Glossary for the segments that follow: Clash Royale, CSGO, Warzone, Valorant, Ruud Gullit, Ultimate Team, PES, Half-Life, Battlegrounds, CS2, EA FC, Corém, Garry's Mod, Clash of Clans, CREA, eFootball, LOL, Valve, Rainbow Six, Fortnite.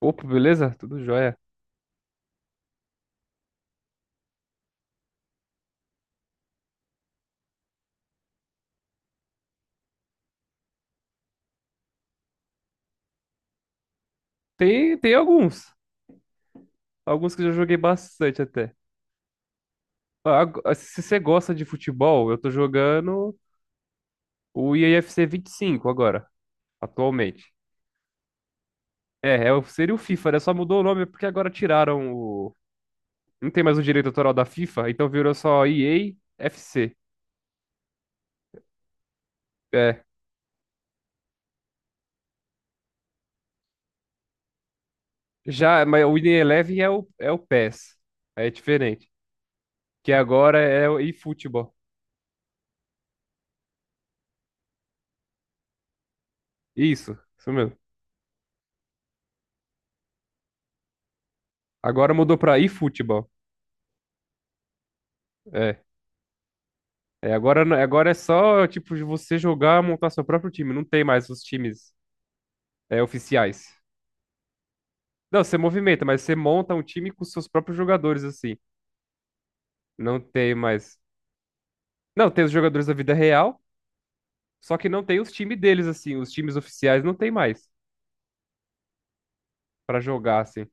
Opa, beleza? Tudo jóia. Tem alguns. Alguns que eu já joguei bastante até. Se você gosta de futebol, eu tô jogando o IAFC 25 agora, atualmente. É, seria o FIFA, né? Só mudou o nome é porque agora tiraram o. Não tem mais o direito autoral da FIFA, então virou só EA FC. É. Já, mas o EA Eleven é o PES. É diferente. Que agora é o eFootball. Isso mesmo. Agora mudou pra eFootball. É. É, agora, não- agora é só, tipo, de você jogar, montar seu próprio time. Não tem mais os times, oficiais. Não, você movimenta, mas você monta um time com seus próprios jogadores, assim. Não tem mais. Não, tem os jogadores da vida real, só que não tem os times deles, assim. Os times oficiais não tem mais pra jogar, assim.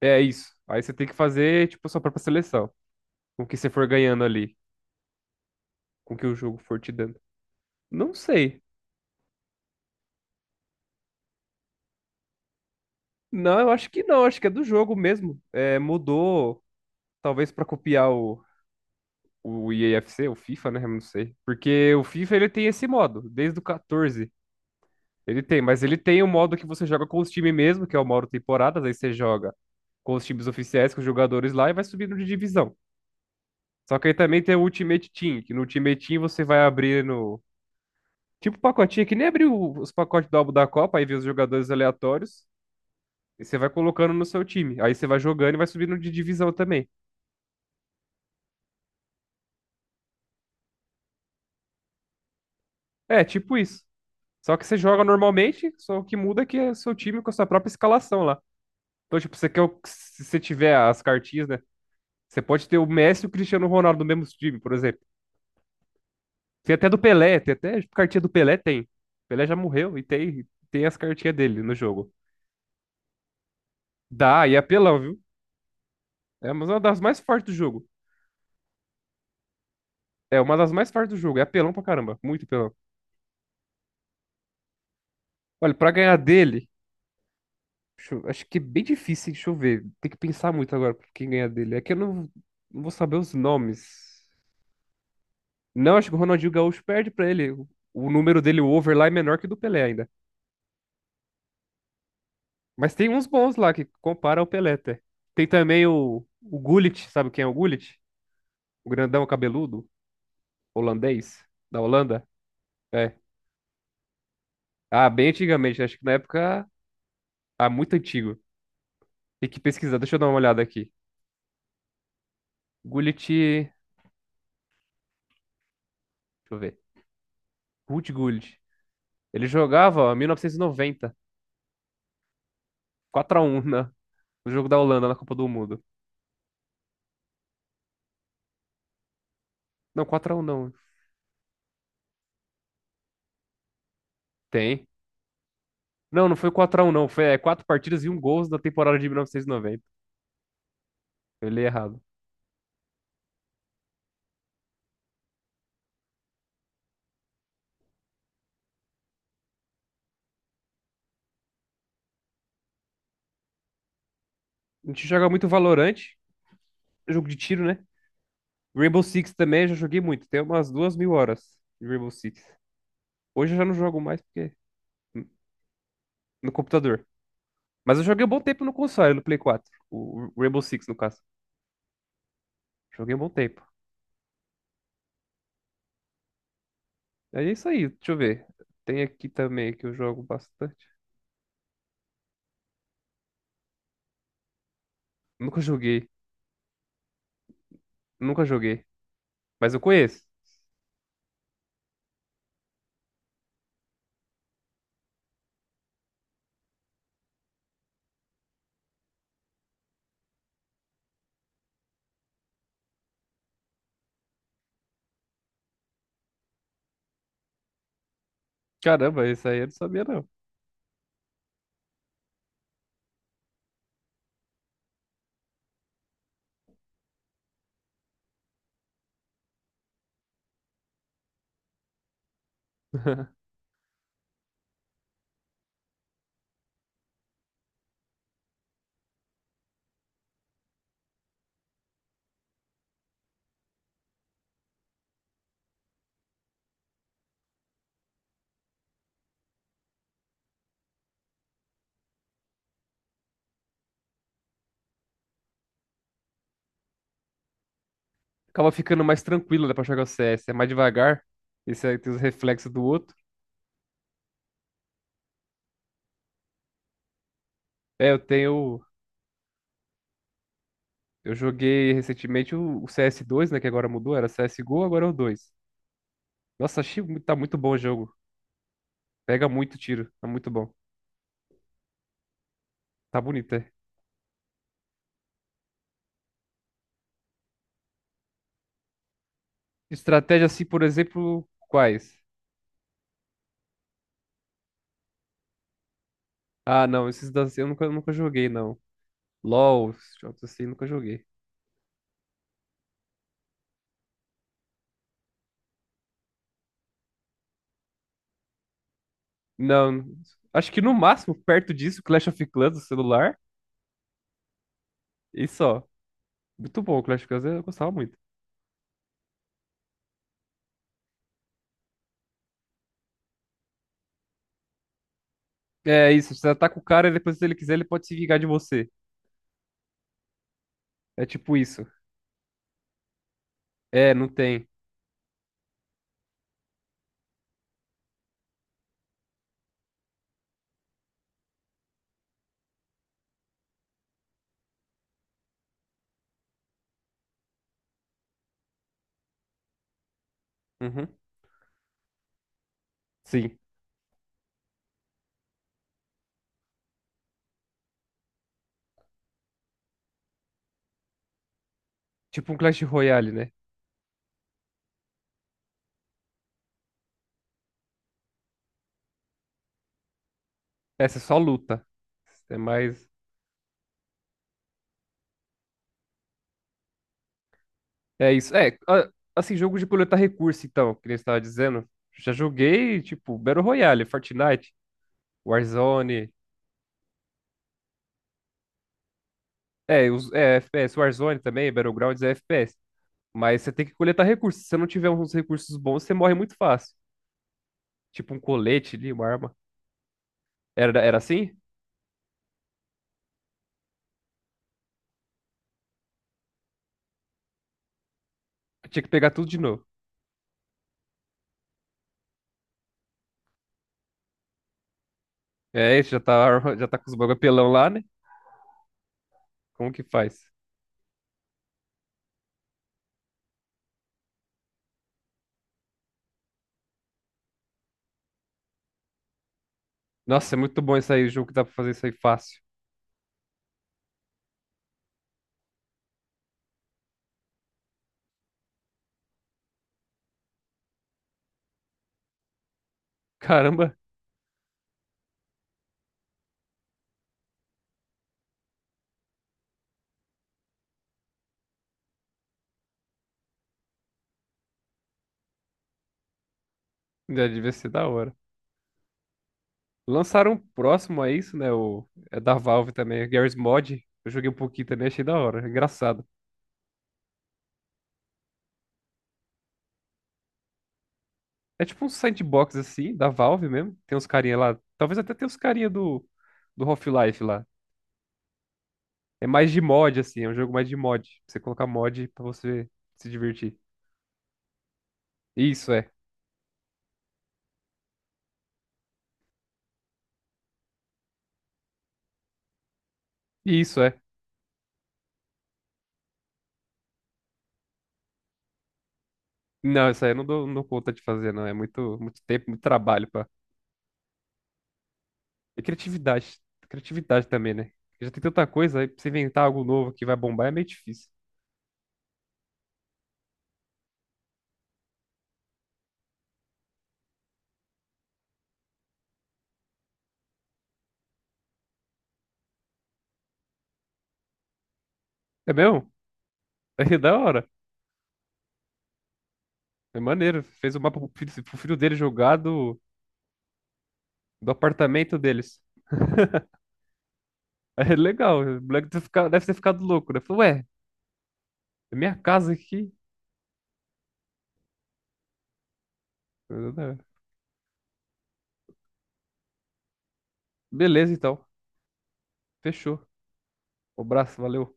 É isso. Aí você tem que fazer, tipo, sua própria seleção. Com o que você for ganhando ali. Com o que o jogo for te dando. Não sei. Não, eu acho que não. Acho que é do jogo mesmo. É, mudou, talvez pra copiar o EAFC, o FIFA, né? Eu não sei. Porque o FIFA ele tem esse modo, desde o 14. Ele tem, mas ele tem o modo que você joga com os times mesmo, que é o modo temporadas, aí você joga com os times oficiais, com os jogadores lá e vai subindo de divisão. Só que aí também tem o Ultimate Team, que no Ultimate Team você vai abrir no. Tipo pacotinho, que nem abriu os pacotes do álbum da Copa, aí vê os jogadores aleatórios, e você vai colocando no seu time. Aí você vai jogando e vai subindo de divisão também. É, tipo isso. Só que você joga normalmente, só que muda é que é o seu time com a sua própria escalação lá. Então, tipo, se você tiver as cartinhas, né? Você pode ter o Messi e o Cristiano Ronaldo no mesmo time, por exemplo. Tem até do Pelé, tem até tipo, cartinha do Pelé, tem. Pelé já morreu e tem as cartinhas dele no jogo. Dá, e é apelão, viu? É uma das mais fortes do jogo. É uma das mais fortes do jogo. É apelão pra caramba. Muito apelão. Olha, pra ganhar dele, acho que é bem difícil, hein? Deixa eu ver. Tem que pensar muito agora pra quem ganhar dele. É que eu não vou saber os nomes. Não, acho que o Ronaldinho Gaúcho perde pra ele. O número dele, o over lá, é menor que o do Pelé ainda. Mas tem uns bons lá que compara ao Pelé, até. Tem também o, Gullit, sabe quem é o Gullit? O grandão cabeludo, holandês, da Holanda. É. Ah, bem antigamente, né? Acho que na época. Ah, muito antigo. Tem que pesquisar, deixa eu dar uma olhada aqui. Gullit. Deixa eu ver. Ruud Gullit. Ele jogava ó, 1990, 4-1, no jogo da Holanda na Copa do Mundo. Não, quatro a um não. Tem. Não, não foi quatro a um não. Foi 4 partidas e um gol na temporada de 1990. Eu li errado. A gente joga muito Valorant. Jogo de tiro, né? Rainbow Six também já joguei muito. Tem umas 2.000 horas de Rainbow Six. Hoje eu já não jogo mais porque no computador. Mas eu joguei um bom tempo no console, no Play 4. O Rainbow Six, no caso. Joguei um bom tempo. É isso aí, deixa eu ver. Tem aqui também que eu jogo bastante. Nunca joguei, nunca joguei. Mas eu conheço. Caramba, esse aí eu não sabia, não. Acaba ficando mais tranquilo, né, pra jogar o CS. É mais devagar. Esse aí tem os reflexos do outro. É, eu tenho Eu joguei recentemente o CS2, né? Que agora mudou, era CSGO, agora é o 2. Nossa, achei, tá muito bom o jogo. Pega muito tiro, tá muito bom. Tá bonito, é. Estratégia assim, por exemplo, quais? Ah, não, esses da eu nunca joguei, não. LOL, esses jogos assim, nunca joguei. Não, acho que no máximo, perto disso, Clash of Clans do celular. E só. Muito bom, Clash of Clans eu gostava muito. É isso, você ataca o cara e depois, se ele quiser, ele pode se vingar de você. É tipo isso. É, não tem. Uhum. Sim. Tipo um Clash Royale, né? Essa é só luta. É mais. É isso. É, assim, jogo de coletar recurso, então, que nem você estava dizendo. Já joguei, tipo, Battle Royale, Fortnite, Warzone. É, é FPS, Warzone também, Battlegrounds é FPS. Mas você tem que coletar recursos. Se você não tiver uns recursos bons, você morre muito fácil. Tipo um colete ali, uma arma. Era assim? Tinha que pegar tudo de novo. É, isso já tá, já tá com os bagulho apelão lá, né? Como que faz? Nossa, é muito bom isso aí, o jogo que dá pra fazer isso aí fácil. Caramba, já devia ser da hora. Lançaram um próximo a isso, né? O, é da Valve também, Garry's Mod. Eu joguei um pouquinho também, achei da hora, engraçado. É tipo um sandbox assim, da Valve mesmo. Tem uns carinha lá, talvez até tenha os carinha do Half-Life lá. É mais de mod, assim, é um jogo mais de mod. Você colocar mod pra você se divertir. Isso é. Isso é. Não, isso aí eu não dou conta de fazer, não. É muito, muito tempo, muito trabalho pra. E criatividade. Criatividade também, né? Já tem tanta coisa, aí pra você inventar algo novo que vai bombar é meio difícil. É mesmo? É da hora. É maneiro. Fez o mapa pro filho dele jogar do apartamento deles. É legal. O moleque deve ter ficado louco, né? Falou, ué, é minha casa aqui. Beleza, então. Fechou. Um abraço, valeu.